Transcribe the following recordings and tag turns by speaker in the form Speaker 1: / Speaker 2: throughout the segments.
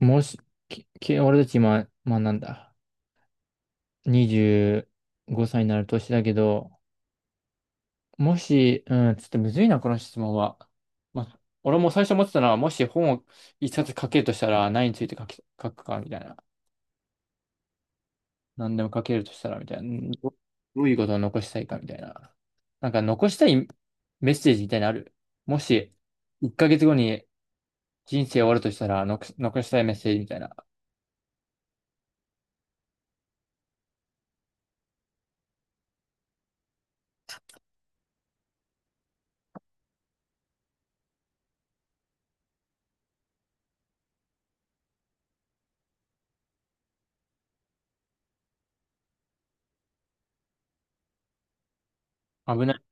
Speaker 1: もし、俺たち今、まあなんだ、25歳になる年だけど、もし、うん、ちょっとむずいな、この質問は。まあ、俺も最初思ってたのは、もし本を一冊書けるとしたら、何について書くか、みたいな。何でも書けるとしたら、みたいな。どういうことを残したいか、みたいな。なんか残したいメッセージみたいなのある。もし、1ヶ月後に人生終わるとしたら、残したいメッセージみたいな。危ない。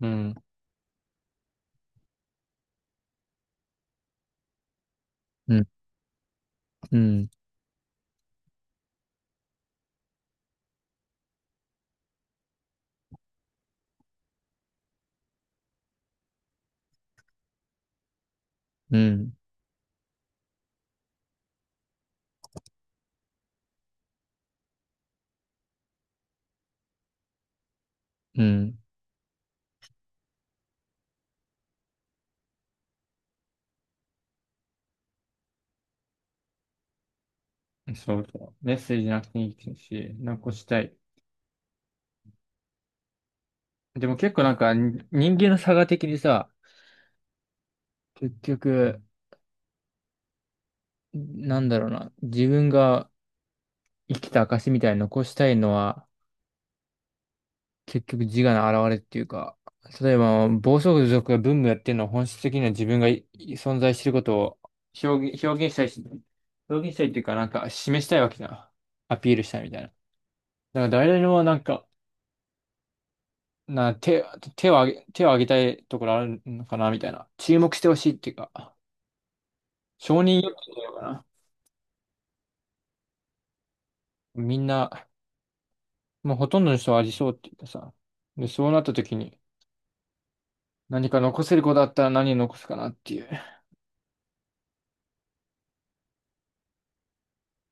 Speaker 1: うん。うん。うん。うん。うん。そうそう。メッセージなくていいし、なんかこうしたい。でも結構なんかに人間の差が的にさ、結局、なんだろうな、自分が生きた証みたいに残したいのは、結局自我の表れっていうか、例えば暴走族が文武やってるのは本質的には自分が存在してることを表現したいし、表現したいっていうかなんか示したいわけじゃん。アピールしたいみたいな。だから誰でもなんかな、手、手を挙げ、手を挙げたいところあるのかなみたいな。注目してほしいっていうか、承認欲求というのかな。みんな、もうほとんどの人はありそうっていうかさ。で、そうなった時に、何か残せる子だったら何を残すかなっていう。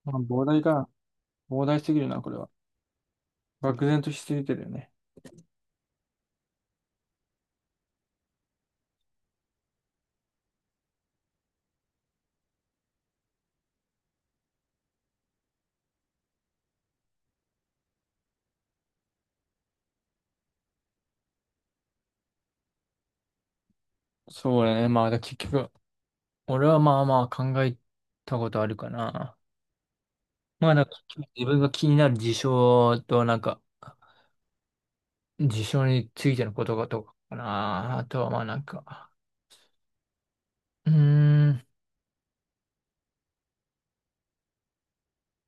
Speaker 1: まあ、膨大かな。膨大すぎるな、これは。漠然としすぎてるよね。そうだね。まあ、結局、俺はまあまあ考えたことあるかな。まあ、結局自分が気になる事象と、なんか、事象についてのことがとかかな。あとはまあなんか、うーん。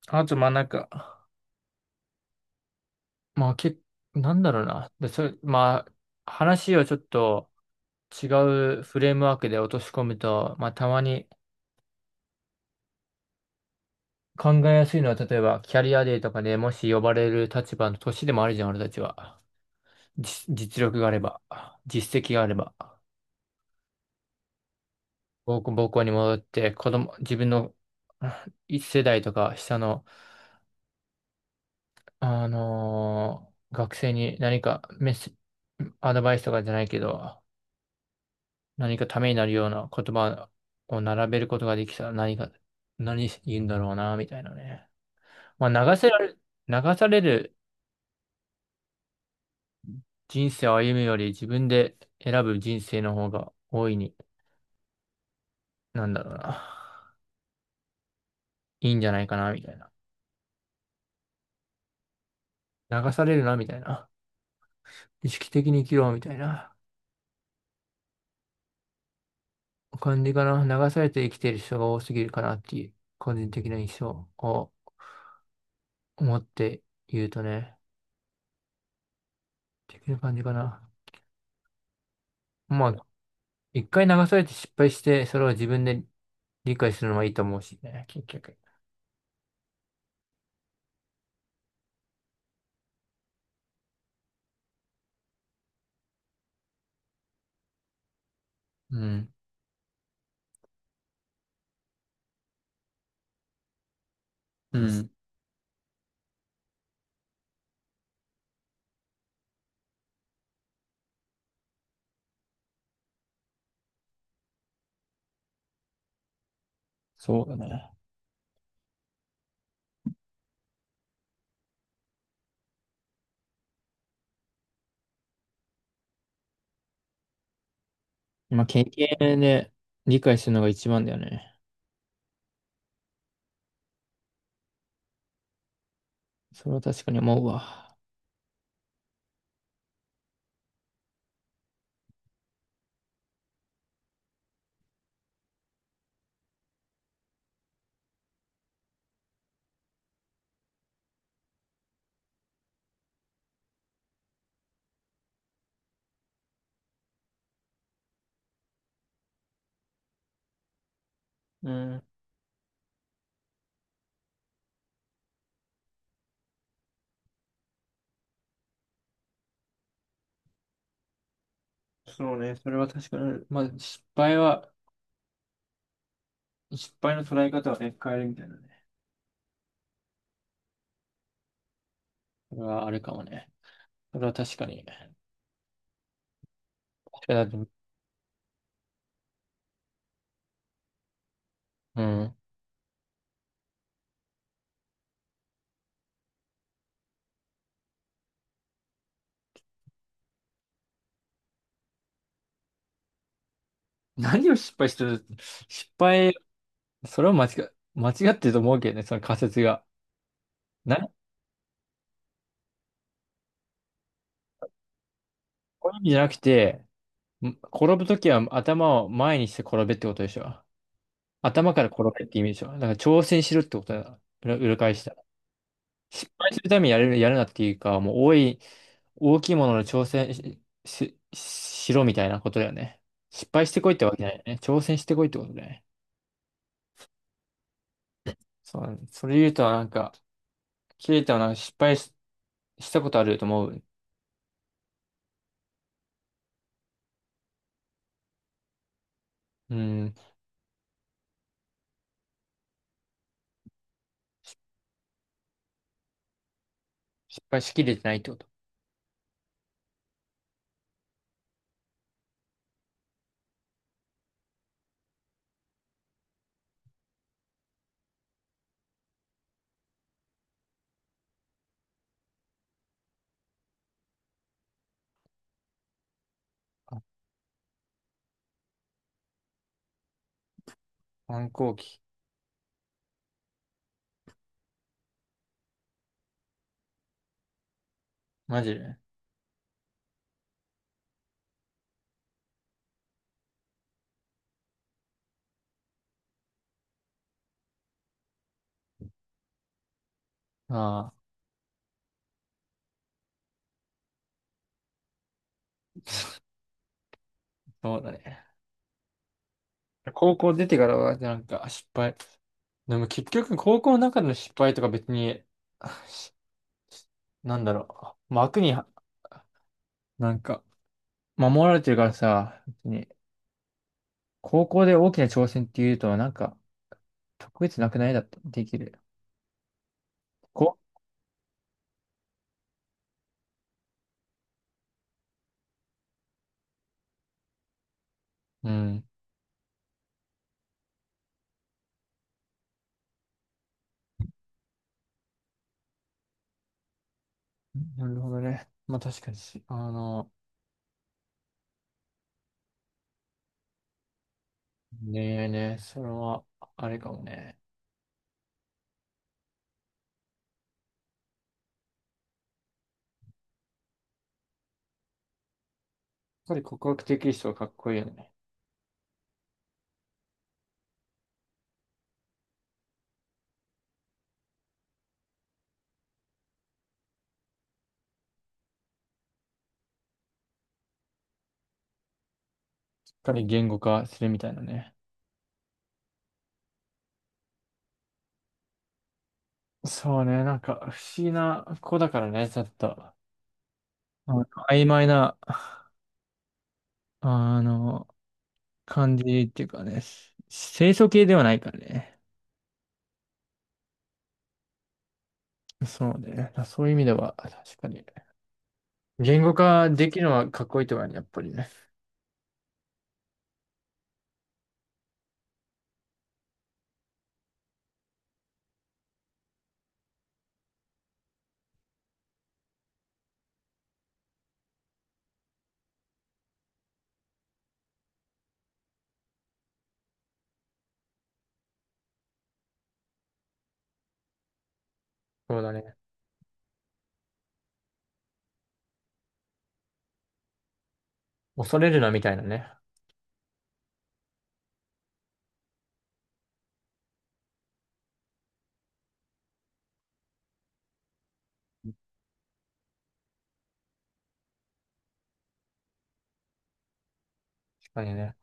Speaker 1: あと、まあなんか、まあなんだろうな。で、それ、まあ、話をちょっと違うフレームワークで落とし込むと、まあたまに考えやすいのは、例えばキャリアデーとかでもし呼ばれる立場の年でもあるじゃん、俺たちは。実力があれば、実績があれば、母校に戻って、子供、自分の一世代とか下の、学生に何かメッセ、アドバイスとかじゃないけど、何かためになるような言葉を並べることができたら何か、何言うんだろうな、みたいなね。まあ、流される人生を歩むより自分で選ぶ人生の方が大いに、なんだろうな、いいんじゃないかな、みたいな。流されるな、みたいな。意識的に生きろ、みたいな感じかな。流されて生きている人が多すぎるかなっていう、個人的な印象を持って言うとね、的な感じかな。まあ一回流されて失敗して、それを自分で理解するのはいいと思うしね、結局。うん。うん。そうだね。まあ、経験で理解するのが一番だよね。それは確かに思うわ。うん。そうね。それは確かに。まあ、失敗は、失敗の捉え方はね、変えるみたいなね。それはあるかもね。それは確かに。確かにだって、うん。何を失敗してる失敗、それは間違ってると思うけどね、その仮説が。何、こういう意味じゃなくて、転ぶときは頭を前にして転べってことでしょ。頭から転べって意味でしょ。だから挑戦しろってことだ。裏返した。失敗するためにやるなっていうか、もう大きいものの挑戦しろみたいなことだよね。失敗してこいってわけじゃないよね。挑戦してこいってことだよね。そうだね、それ言うとなんか、切れたはなんか失敗し、したことあると思う。うん。失敗しきれてないってこと。反抗期。マジで。ああ、そうだね。高校出てからはなんか失敗。でも結局高校の中での失敗とか別に、しなんだろう、枠には、なんか、守られてるからさ、別に、高校で大きな挑戦っていうと、なんか、特別なくないだって、できる。こうん。なるほどね。まあ確かに恋愛ね、それは、あれかもね。やっぱり告白できる人はかっこいいよね。しっかり言語化するみたいなね。そうね、なんか、不思議な子だからね、ちょっと。なんか曖昧なあの、感じっていうかね、清楚系ではないからね。そうね。そういう意味では、確かに。言語化できるのはかっこいいとかね、やっぱりね。そうだね。恐れるなみたいなね。確かにね。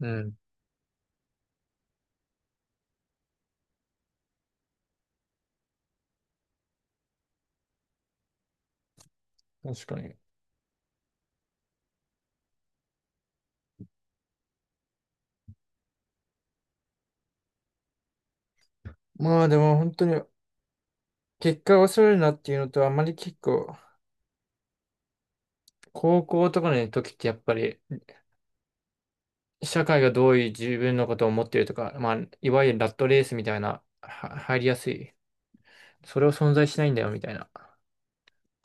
Speaker 1: うん。確かに。まあでも本当に、結果を恐れるなっていうのと、あまり結構、高校とかの時ってやっぱり、社会がどういう自分のことを思ってるとか、まあ、いわゆるラットレースみたいな、は入りやすい。それを存在しないんだよみたいな。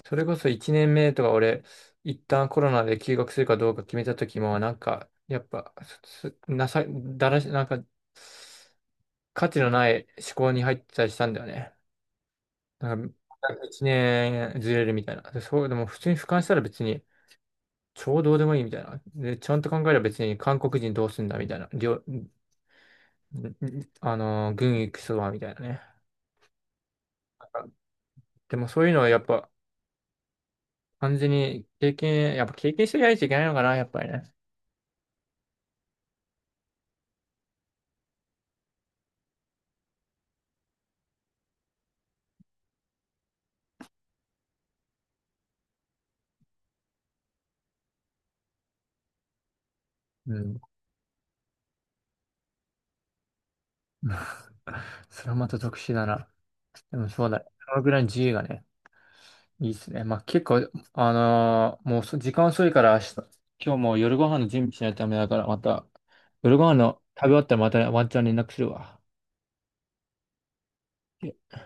Speaker 1: それこそ1年目とか俺、一旦コロナで休学するかどうか決めた時も、なんか、やっぱ、すなさ、だらし、なんか、価値のない思考に入ってたりしたんだよね。なんか、1年ずれるみたいな。で、そう、でも普通に俯瞰したら別に、超どうでもいいみたいな。で、ちゃんと考えれば別に韓国人どうすんだみたいな。りょ、んん、軍行くそばみたいなね。でもそういうのはやっぱ、完全に経験、やっぱ経験してないといけないのかな、やっぱりね。うん それはまた特殊だな。でもそうだ。そのぐらいの自由がね、いいっすね。まあ結構、もう時間遅いから明日、今日もう夜ご飯の準備しないとダメだから、また、夜ご飯の食べ終わったらまたワンチャン連絡するわ。